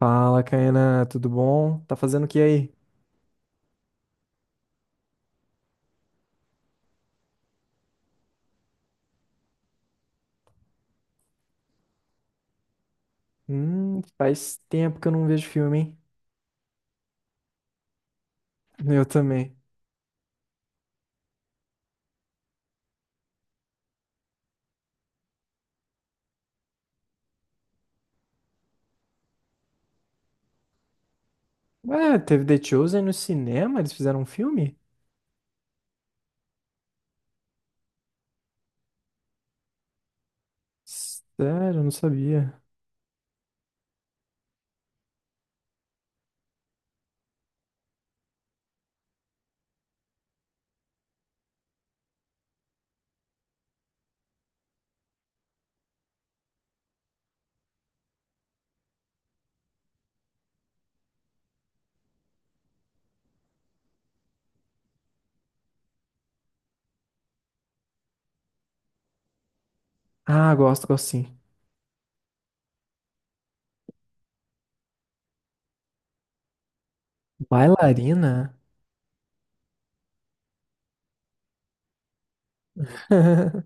Fala, Caena, tudo bom? Tá fazendo o que aí? Faz tempo que eu não vejo filme, hein? Eu também. Ué, teve The Chosen no cinema? Eles fizeram um filme? Sério, eu não sabia. Ah, gosto, gosto sim. Bailarina?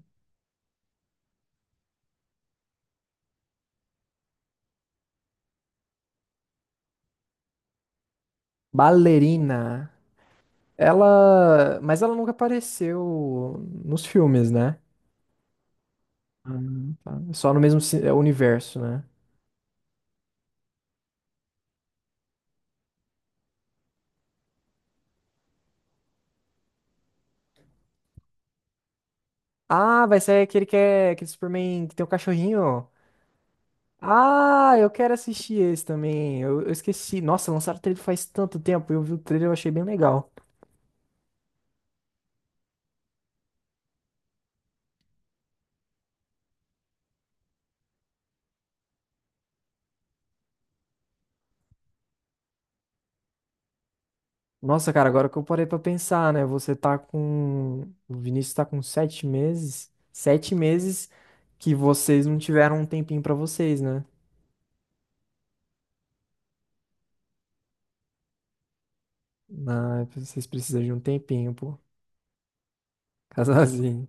Ballerina. Ela. Mas ela nunca apareceu nos filmes, né? Ah, tá. Só no mesmo é, universo, né? Ah, vai ser aquele que é aquele Superman que tem o cachorrinho. Ah, eu quero assistir esse também. Eu esqueci. Nossa, lançaram o trailer faz tanto tempo. Eu vi o trailer, e eu achei bem legal. Nossa, cara, agora que eu parei pra pensar, né? Você tá com. O Vinícius tá com sete meses. Sete meses que vocês não tiveram um tempinho pra vocês, né? Ah, vocês precisam de um tempinho, pô. Casalzinho.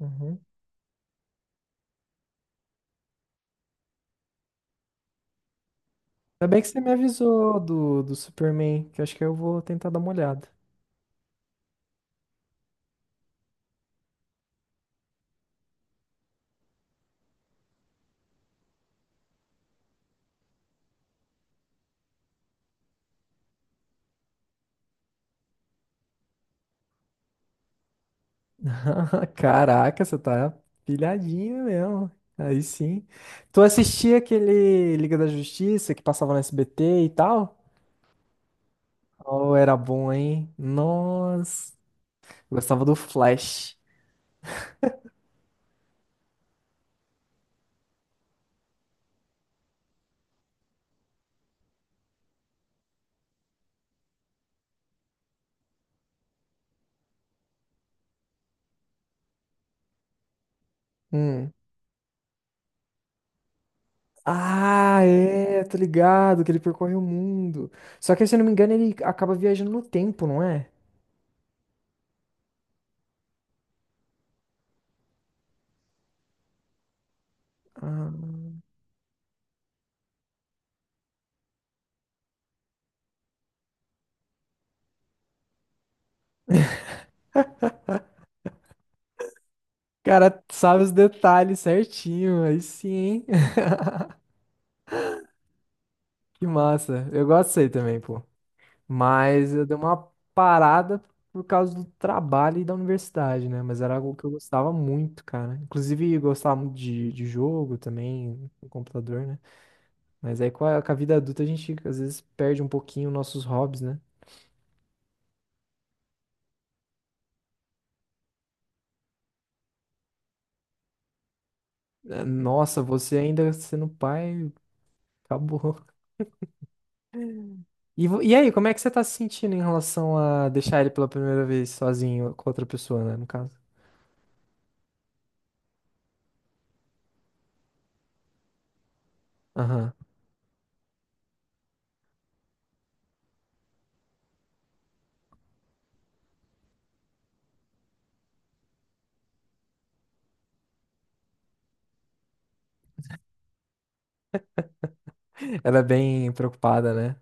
Uhum. Ainda bem que você me avisou do Superman, que eu acho que eu vou tentar dar uma olhada. Caraca, você tá pilhadinha mesmo. Aí sim. Tu assistia aquele Liga da Justiça que passava no SBT e tal? Oh, era bom, hein? Nossa. Eu gostava do Flash. Hum. Ah, é, tô ligado que ele percorre o mundo. Só que, se eu não me engano, ele acaba viajando no tempo, não é? Ah. Cara, sabe os detalhes certinho. Aí sim, hein? Que massa. Eu gosto disso aí também, pô. Mas eu dei uma parada por causa do trabalho e da universidade, né? Mas era algo que eu gostava muito, cara. Inclusive, eu gostava muito de jogo também, no computador, né? Mas aí com a vida adulta a gente às vezes perde um pouquinho nossos hobbies, né? Nossa, você ainda sendo pai, acabou. E, e aí, como é que você tá se sentindo em relação a deixar ele pela primeira vez sozinho com outra pessoa, né? No caso. Aham. Ela é bem preocupada, né?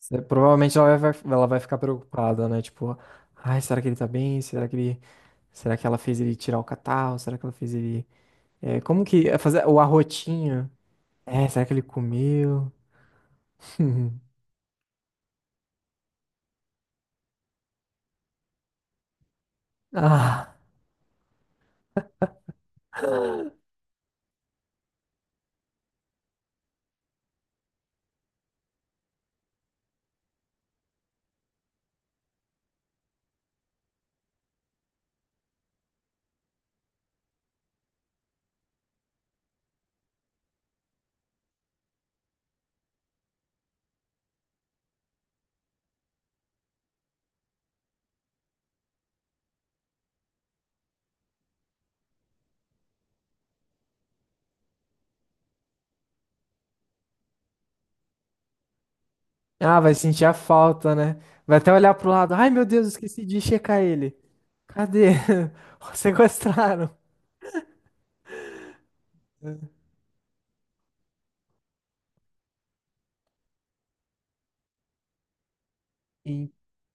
Provavelmente ela vai ficar preocupada, né? Tipo, ai, será que ele tá bem? Será que ele, será que ela fez ele tirar o catarro? Será que ela fez ele, como que é fazer o arrotinho? É, será que ele comeu? Ah, ah, vai sentir a falta, né? Vai até olhar pro lado. Ai, meu Deus, esqueci de checar ele. Cadê? Sequestraram.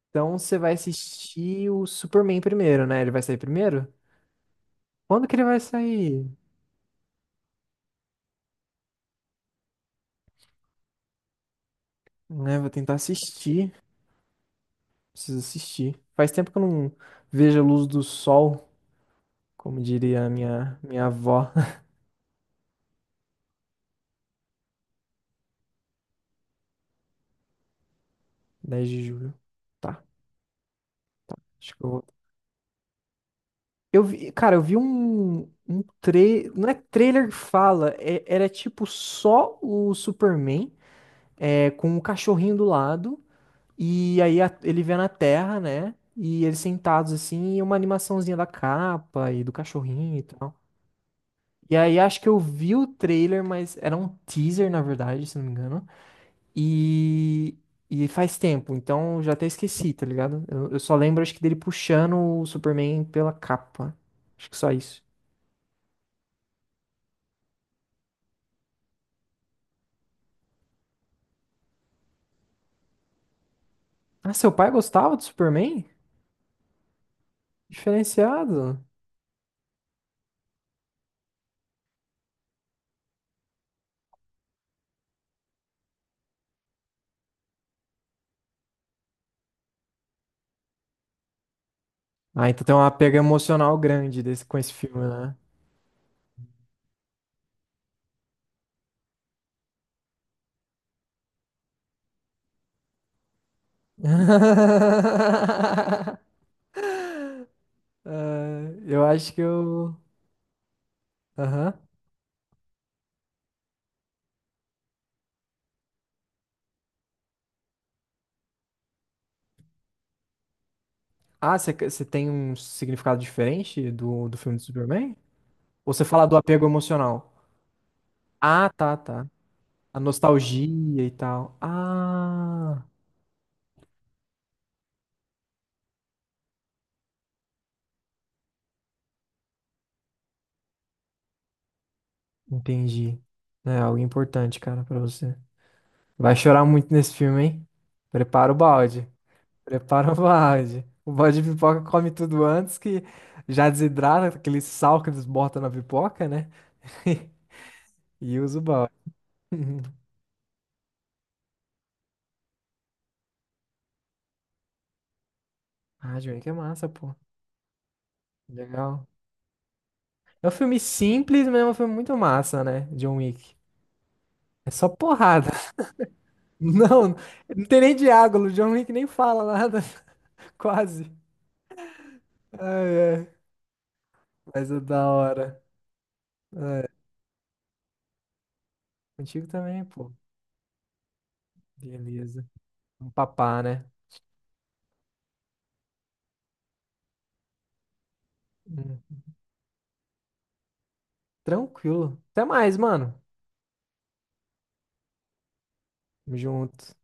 Então você vai assistir o Superman primeiro, né? Ele vai sair primeiro? Quando que ele vai sair? Né, vou tentar assistir. Preciso assistir. Faz tempo que eu não vejo a luz do sol, como diria a minha avó, dez de julho. Tá, acho que eu vou. Eu vi, cara, um trailer. Não é trailer que fala, era tipo só o Superman com o cachorrinho do lado. E aí ele vê na Terra, né? E eles sentados assim, e uma animaçãozinha da capa e do cachorrinho e tal. E aí acho que eu vi o trailer, mas era um teaser, na verdade, se não me engano. E, e faz tempo, então já até esqueci, tá ligado? Eu só lembro, acho que dele puxando o Superman pela capa. Acho que só isso. Ah, seu pai gostava do Superman? Diferenciado. Ah, então tem uma pega emocional grande desse, com esse filme, né? Ah, eu acho que eu. Aham. Ah, você tem um significado diferente do filme do Superman? Ou você fala do apego emocional? Ah, tá. A nostalgia e tal. Ah, entendi. É algo importante, cara, pra você. Vai chorar muito nesse filme, hein? Prepara o balde. Prepara o balde. O balde de pipoca come tudo antes que já desidrata aquele sal que eles botam na pipoca, né? E usa o balde. Ah, John Wick é massa, pô. Legal. É um filme simples, mas é um filme muito massa, né? John Wick. É só porrada. Não, não tem nem diálogo. John Wick nem fala nada, quase. Ai, ai. Mas é da hora. Contigo também, pô. Beleza. Um papá, né? Hum, Tranquilo. Até mais, mano. Tamo junto.